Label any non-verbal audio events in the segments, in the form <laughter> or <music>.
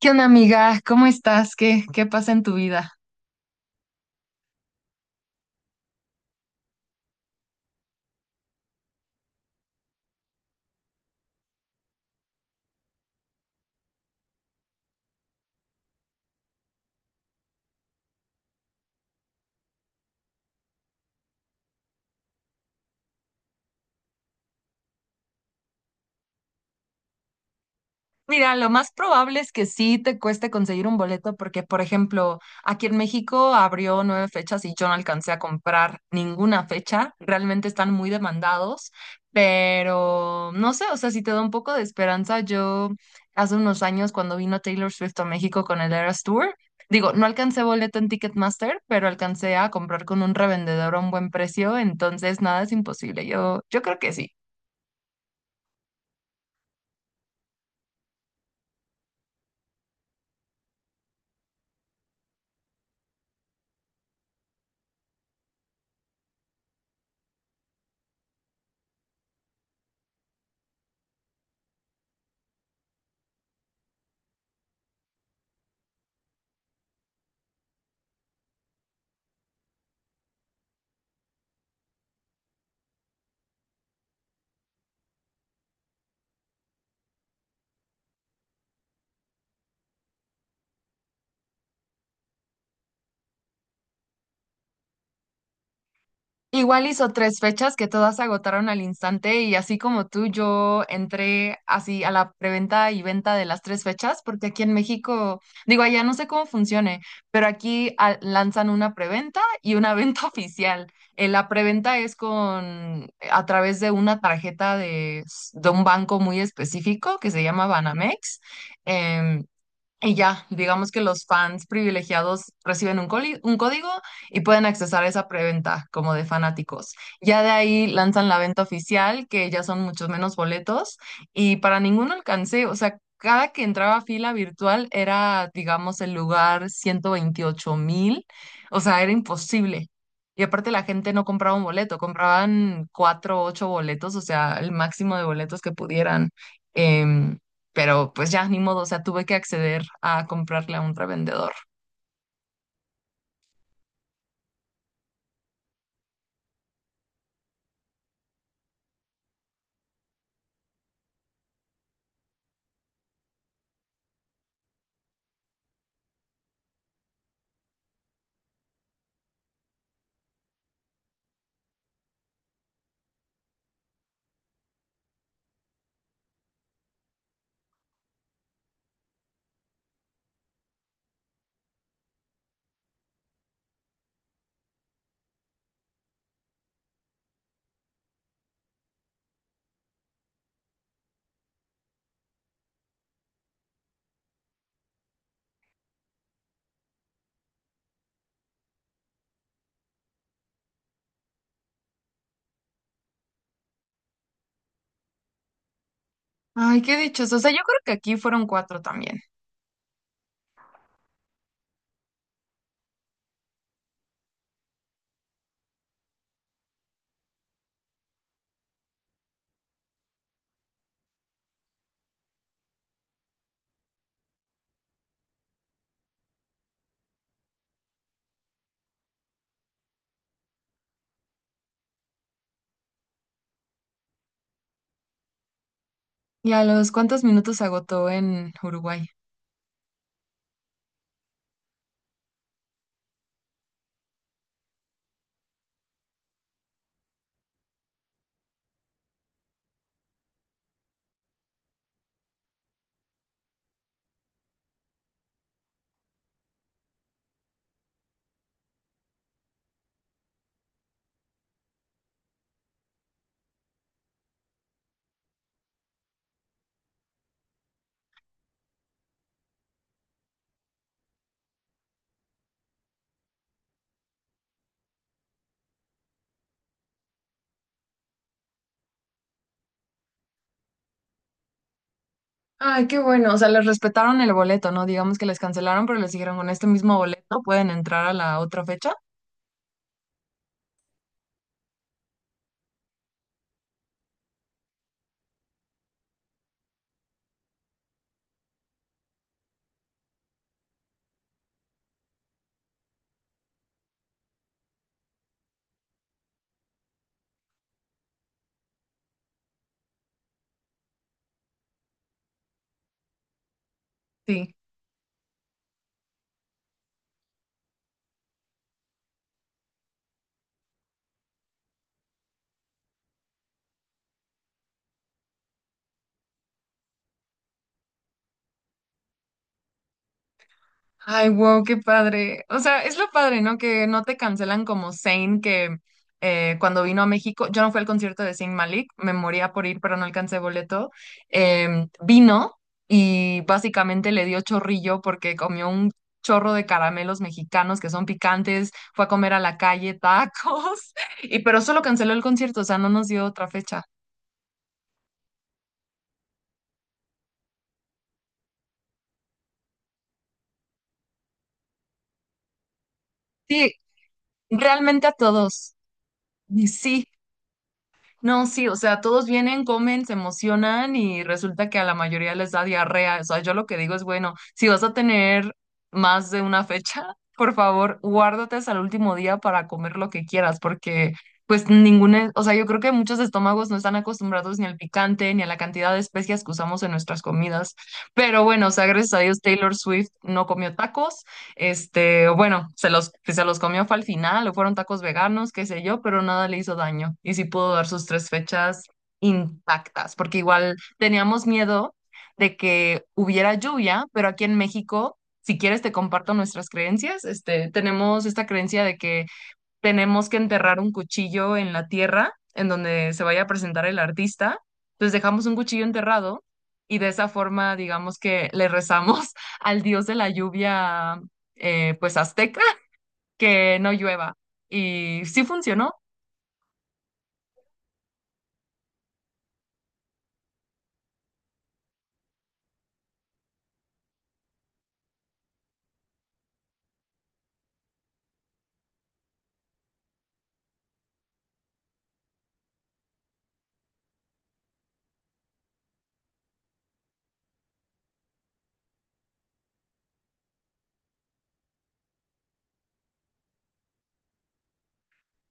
¿Qué onda, amiga? ¿Cómo estás? ¿Qué pasa en tu vida? Mira, lo más probable es que sí te cueste conseguir un boleto porque, por ejemplo, aquí en México abrió nueve fechas y yo no alcancé a comprar ninguna fecha. Realmente están muy demandados, pero no sé, o sea, si te da un poco de esperanza, yo hace unos años cuando vino Taylor Swift a México con el Eras Tour, digo, no alcancé boleto en Ticketmaster, pero alcancé a comprar con un revendedor a un buen precio, entonces nada es imposible. Yo creo que sí. Igual hizo tres fechas que todas se agotaron al instante y así como tú, yo entré así a la preventa y venta de las tres fechas, porque aquí en México, digo, allá no sé cómo funcione, pero aquí lanzan una preventa y una <laughs> venta oficial. La preventa es con a través de una tarjeta de un banco muy específico que se llama Banamex. em, y ya, digamos que los fans privilegiados reciben un código y pueden accesar esa preventa como de fanáticos. Ya de ahí lanzan la venta oficial, que ya son muchos menos boletos y para ninguno alcancé, o sea, cada que entraba a fila virtual era, digamos, el lugar 128 mil, o sea, era imposible. Y aparte la gente no compraba un boleto, compraban cuatro, o ocho boletos, o sea, el máximo de boletos que pudieran. em, pero pues ya, ni modo, o sea, tuve que acceder a comprarle a un revendedor. Ay, qué dichos. O sea, yo creo que aquí fueron cuatro también. ¿Y a los cuántos minutos se agotó en Uruguay? Ay, qué bueno. O sea, les respetaron el boleto, ¿no? Digamos que les cancelaron, pero les dijeron con este mismo boleto pueden entrar a la otra fecha. Sí. Ay, wow, qué padre. O sea, es lo padre, ¿no? Que no te cancelan como Zayn, que cuando vino a México, yo no fui al concierto de Zayn Malik, me moría por ir, pero no alcancé boleto. Vino y básicamente le dio chorrillo porque comió un chorro de caramelos mexicanos que son picantes, fue a comer a la calle tacos, <laughs> y pero solo canceló el concierto, o sea, no nos dio otra fecha. Sí, realmente a todos. Y sí. No, sí, o sea, todos vienen, comen, se emocionan y resulta que a la mayoría les da diarrea. O sea, yo lo que digo es, bueno, si vas a tener más de una fecha, <laughs> por favor, guárdate hasta el último día para comer lo que quieras, porque pues ninguna, o sea, yo creo que muchos estómagos no están acostumbrados ni al picante, ni a la cantidad de especias que usamos en nuestras comidas. Pero bueno, o sea, gracias a Dios Taylor Swift no comió tacos este, o bueno, se los comió fue al final, o fueron tacos veganos, qué sé yo, pero nada le hizo daño. Y sí pudo dar sus tres fechas intactas, porque igual teníamos miedo de que hubiera lluvia, pero aquí en México, si quieres te comparto nuestras creencias, este, tenemos esta creencia de que tenemos que enterrar un cuchillo en la tierra en donde se vaya a presentar el artista. Entonces dejamos un cuchillo enterrado y de esa forma, digamos que le rezamos <laughs> al dios de la lluvia, pues azteca, que no llueva. Y sí funcionó.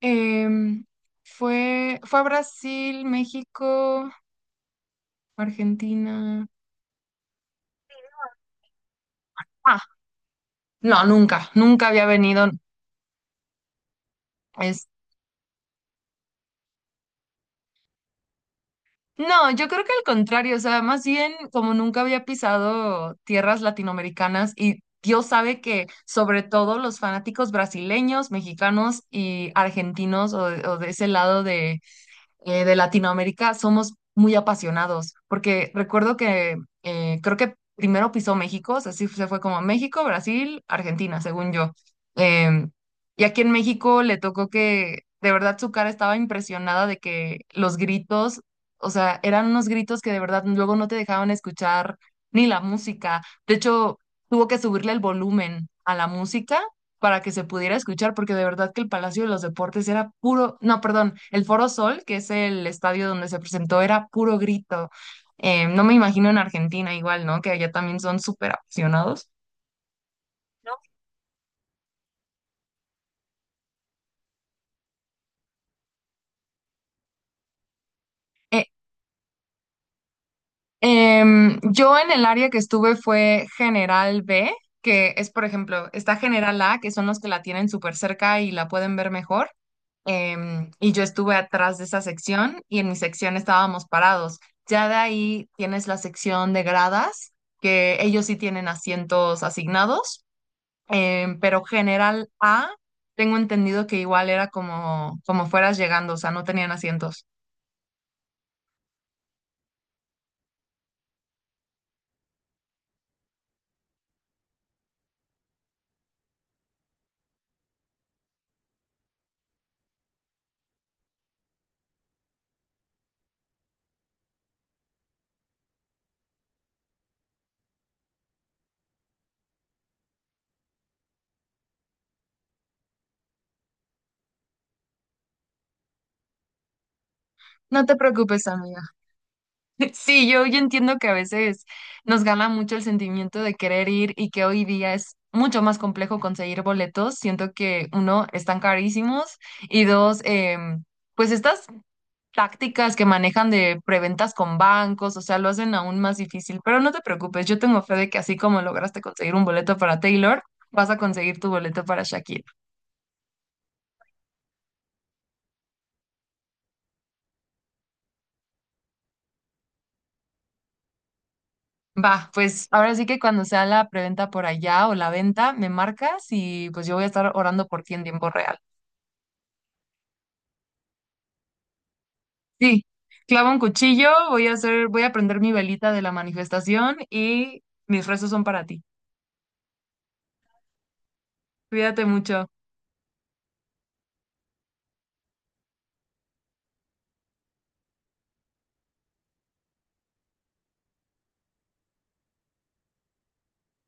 Em, fue a Brasil, México, Argentina. Ah, no, nunca, nunca había venido. No, yo creo que al contrario, o sea, más bien como nunca había pisado tierras latinoamericanas y Dios sabe que sobre todo los fanáticos brasileños, mexicanos y argentinos o de ese lado de Latinoamérica somos muy apasionados, porque recuerdo que creo que primero pisó México, o sea, sí se fue como México, Brasil, Argentina, según yo. Em, y aquí en México le tocó que de verdad su cara estaba impresionada de que los gritos, o sea, eran unos gritos que de verdad luego no te dejaban escuchar ni la música. De hecho, tuvo que subirle el volumen a la música para que se pudiera escuchar, porque de verdad que el Palacio de los Deportes era puro, no, perdón, el Foro Sol, que es el estadio donde se presentó, era puro grito. No me imagino en Argentina igual, ¿no? Que allá también son súper apasionados. ¿No? Eh, yo en el área que estuve fue General B, que es, por ejemplo, está General A, que son los que la tienen súper cerca y la pueden ver mejor. Y yo estuve atrás de esa sección y en mi sección estábamos parados. Ya de ahí tienes la sección de gradas, que ellos sí tienen asientos asignados, pero General A, tengo entendido que igual era como, como fueras llegando, o sea, no tenían asientos. No te preocupes, amiga. <laughs> Sí, yo entiendo que a veces nos gana mucho el sentimiento de querer ir y que hoy día es mucho más complejo conseguir boletos. Siento que uno, están carísimos y dos, pues estas tácticas que manejan de preventas con bancos, o sea, lo hacen aún más difícil. Pero no te preocupes, yo tengo fe de que así como lograste conseguir un boleto para Taylor, vas a conseguir tu boleto para Shakira. Va, pues ahora sí que cuando sea la preventa por allá o la venta, me marcas y pues yo voy a estar orando por ti en tiempo real. Sí, clavo un cuchillo, voy a hacer, voy a prender mi velita de la manifestación y mis rezos son para ti. Cuídate mucho.